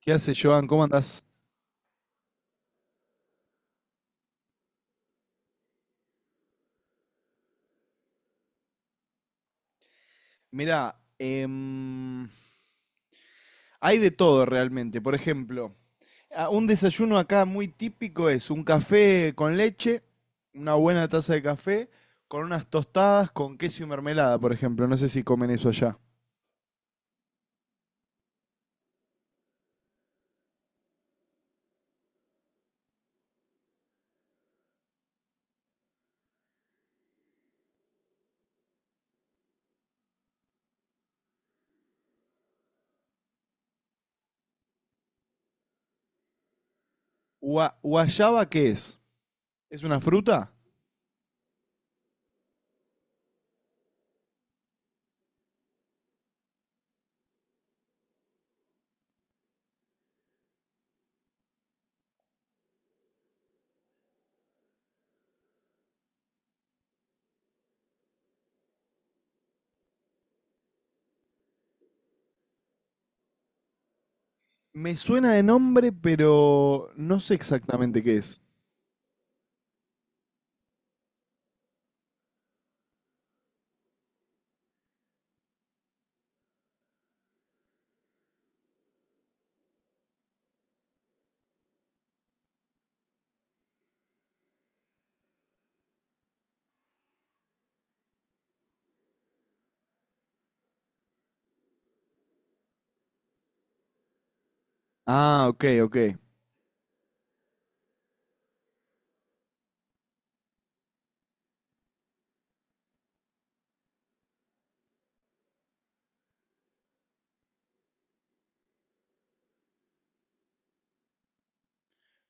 ¿Qué hace, Joan? ¿Cómo andás? Mirá, hay de todo realmente. Por ejemplo, un desayuno acá muy típico es un café con leche, una buena taza de café, con unas tostadas con queso y mermelada, por ejemplo. No sé si comen eso allá. ¿Guayaba qué es? ¿Es una fruta? Me suena de nombre, pero no sé exactamente qué es. Ah, ok, ok.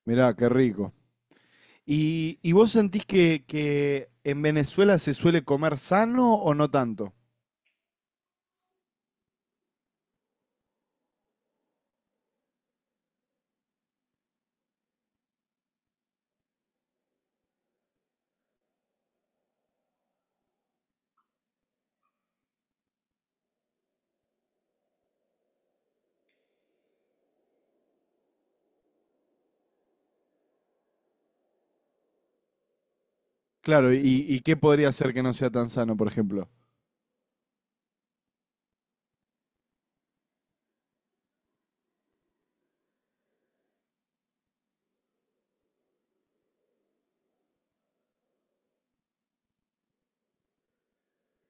Mirá, qué rico. ¿Y, vos sentís que, en Venezuela se suele comer sano o no tanto? Claro, y qué podría hacer que no sea tan sano, por ejemplo?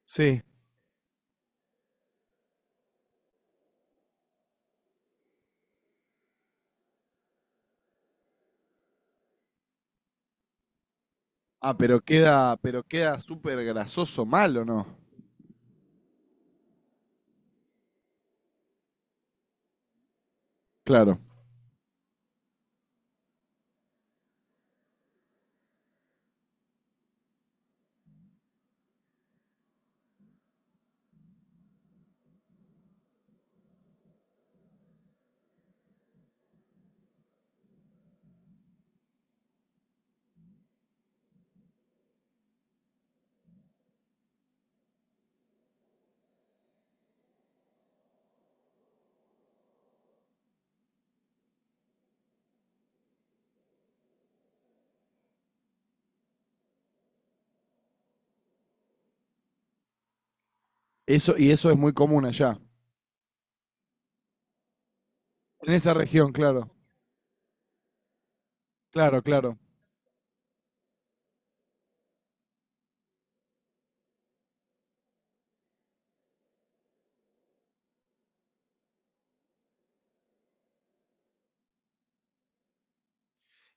Sí. Ah, pero queda súper grasoso mal, ¿o no? Claro. Eso, y eso es muy común allá. En esa región, claro. Claro, claro.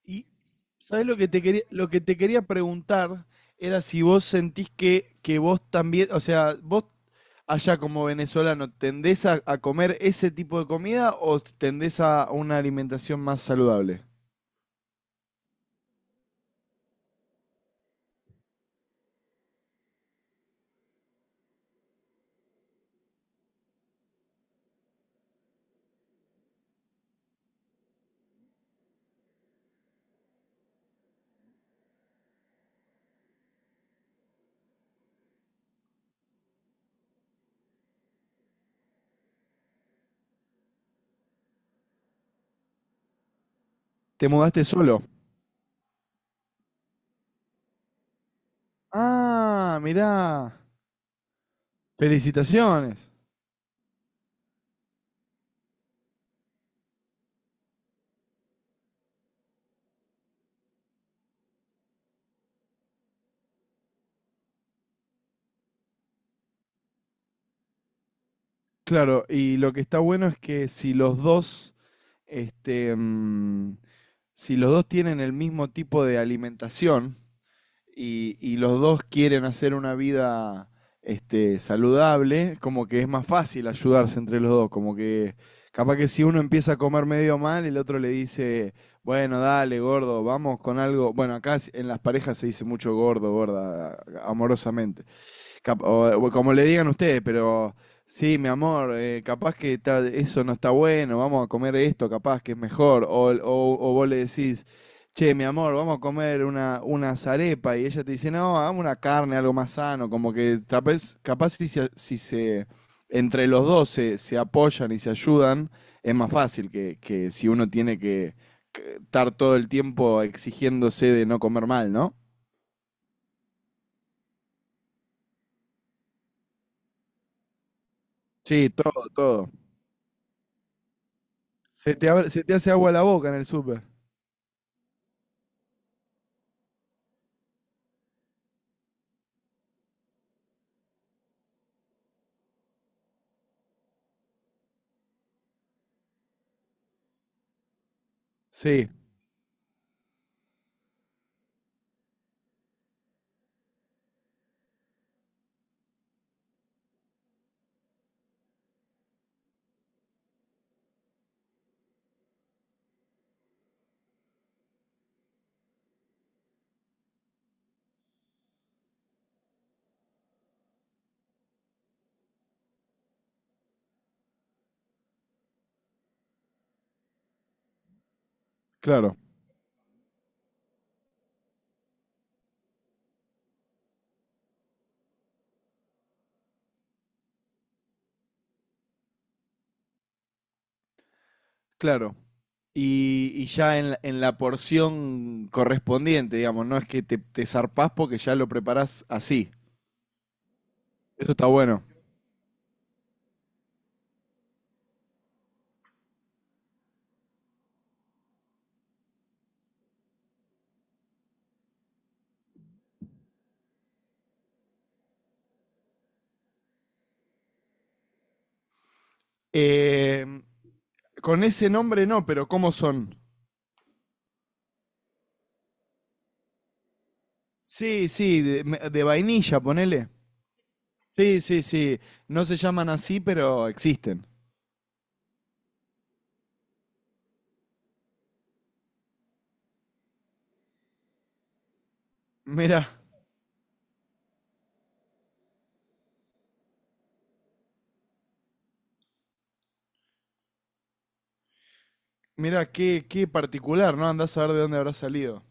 Y, ¿sabes lo que te quería, lo que te quería preguntar? Era si vos sentís que vos también, o sea, vos allá como venezolano, ¿tendés a comer ese tipo de comida o tendés a una alimentación más saludable? ¿Te mudaste solo? Ah, mirá. Felicitaciones. Claro, y lo que está bueno es que si los dos, este, mm, si los dos tienen el mismo tipo de alimentación, y los dos quieren hacer una vida este, saludable, como que es más fácil ayudarse entre los dos, como que capaz que si uno empieza a comer medio mal, el otro le dice, bueno, dale, gordo, vamos con algo. Bueno, acá en las parejas se dice mucho gordo, gorda, amorosamente. O como le digan ustedes, pero sí, mi amor, capaz que eso no está bueno, vamos a comer esto, capaz que es mejor. O, o vos le decís, che, mi amor, vamos a comer una arepa y ella te dice, no, hagamos una carne, algo más sano, como que capaz, capaz si, si se, entre los dos se, se apoyan y se ayudan, es más fácil que si uno tiene que estar todo el tiempo exigiéndose de no comer mal, ¿no? Sí, todo, todo. Se te hace agua la boca en el súper. Sí, claro. claro. Y ya en, en la porción correspondiente, digamos, no es que te zarpás porque ya lo preparás así. Eso está bueno. Eh, con ese nombre no, pero ¿cómo son? Sí, sí, de, de vainilla, ponele. Sí, sí, sí. No se llaman así, pero existen. Mira, qué, qué particular, ¿no? Andás a ver de dónde habrá salido.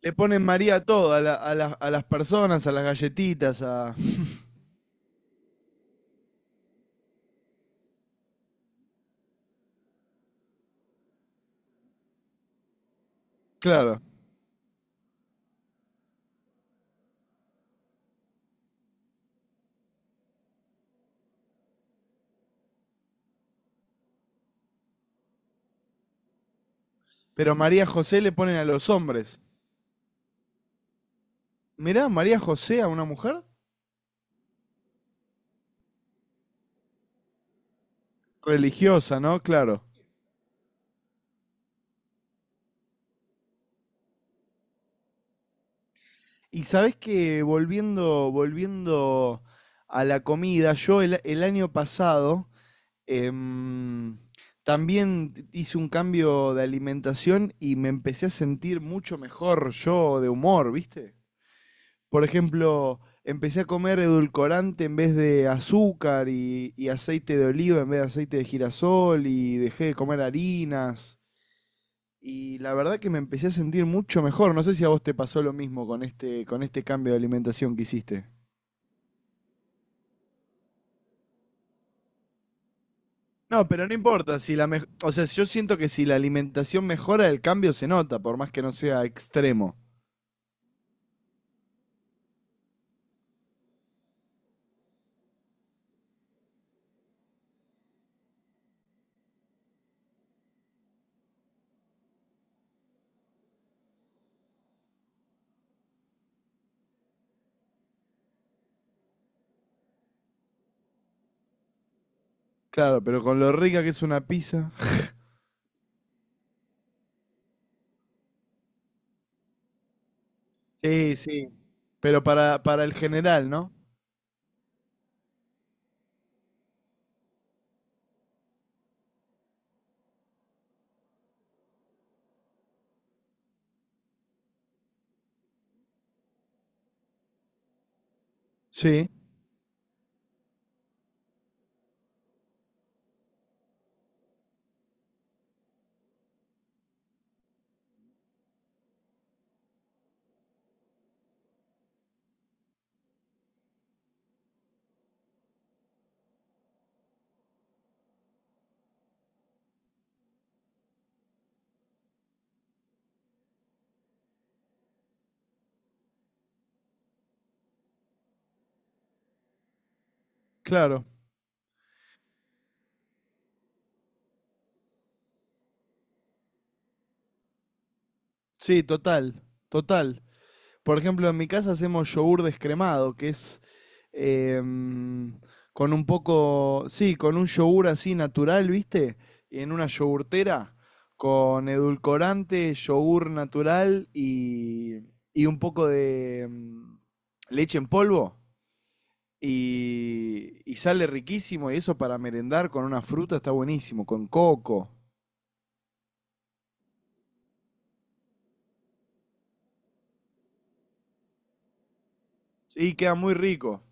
Le ponen María a todo, a, a las personas, a las galletitas, a... Claro. Pero María José le ponen a los hombres. Mirá, María José a una mujer religiosa, ¿no? Claro. Y sabés que volviendo, volviendo a la comida, yo el año pasado em, también hice un cambio de alimentación y me empecé a sentir mucho mejor yo de humor, ¿viste? Por ejemplo, empecé a comer edulcorante en vez de azúcar y aceite de oliva en vez de aceite de girasol y dejé de comer harinas. Y la verdad que me empecé a sentir mucho mejor. No sé si a vos te pasó lo mismo con este cambio de alimentación que hiciste. No, pero no importa, si la o sea, yo siento que si la alimentación mejora, el cambio se nota, por más que no sea extremo. Claro, pero con lo rica que es una pizza. Sí, sí. Pero para el general, ¿no? Sí, claro. Sí, total, total. Por ejemplo, en mi casa hacemos yogur descremado, que es em, con un poco, sí, con un yogur así natural, ¿viste? En una yogurtera, con edulcorante, yogur natural y un poco de leche en polvo. Y sale riquísimo y eso para merendar con una fruta está buenísimo, con coco. Sí, queda muy rico.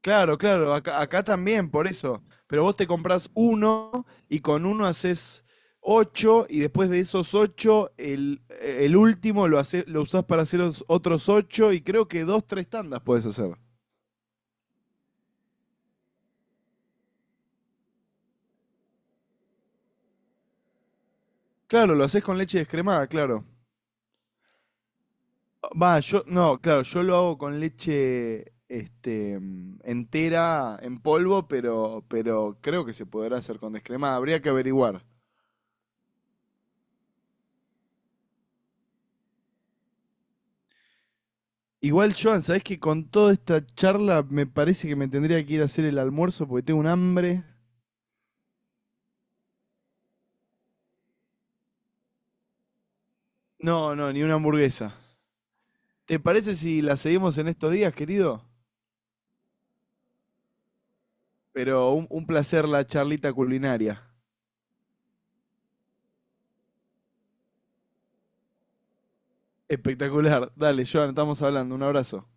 Claro, claro, acá, acá también, por eso. Pero vos te comprás uno y con uno haces ocho y después de esos ocho, el último lo usás para hacer otros ocho y creo que dos, tres tandas puedes hacer. Claro, lo haces con leche descremada, claro. Va, yo, no, claro, yo lo hago con leche entera en polvo, pero creo que se podrá hacer con descremada. Habría que averiguar. Igual, Joan, ¿sabés que con toda esta charla me parece que me tendría que ir a hacer el almuerzo porque tengo un hambre? No, no, ni una hamburguesa. ¿Te parece si la seguimos en estos días, querido? Pero un placer la charlita culinaria. Espectacular. Dale, Joan, estamos hablando. Un abrazo.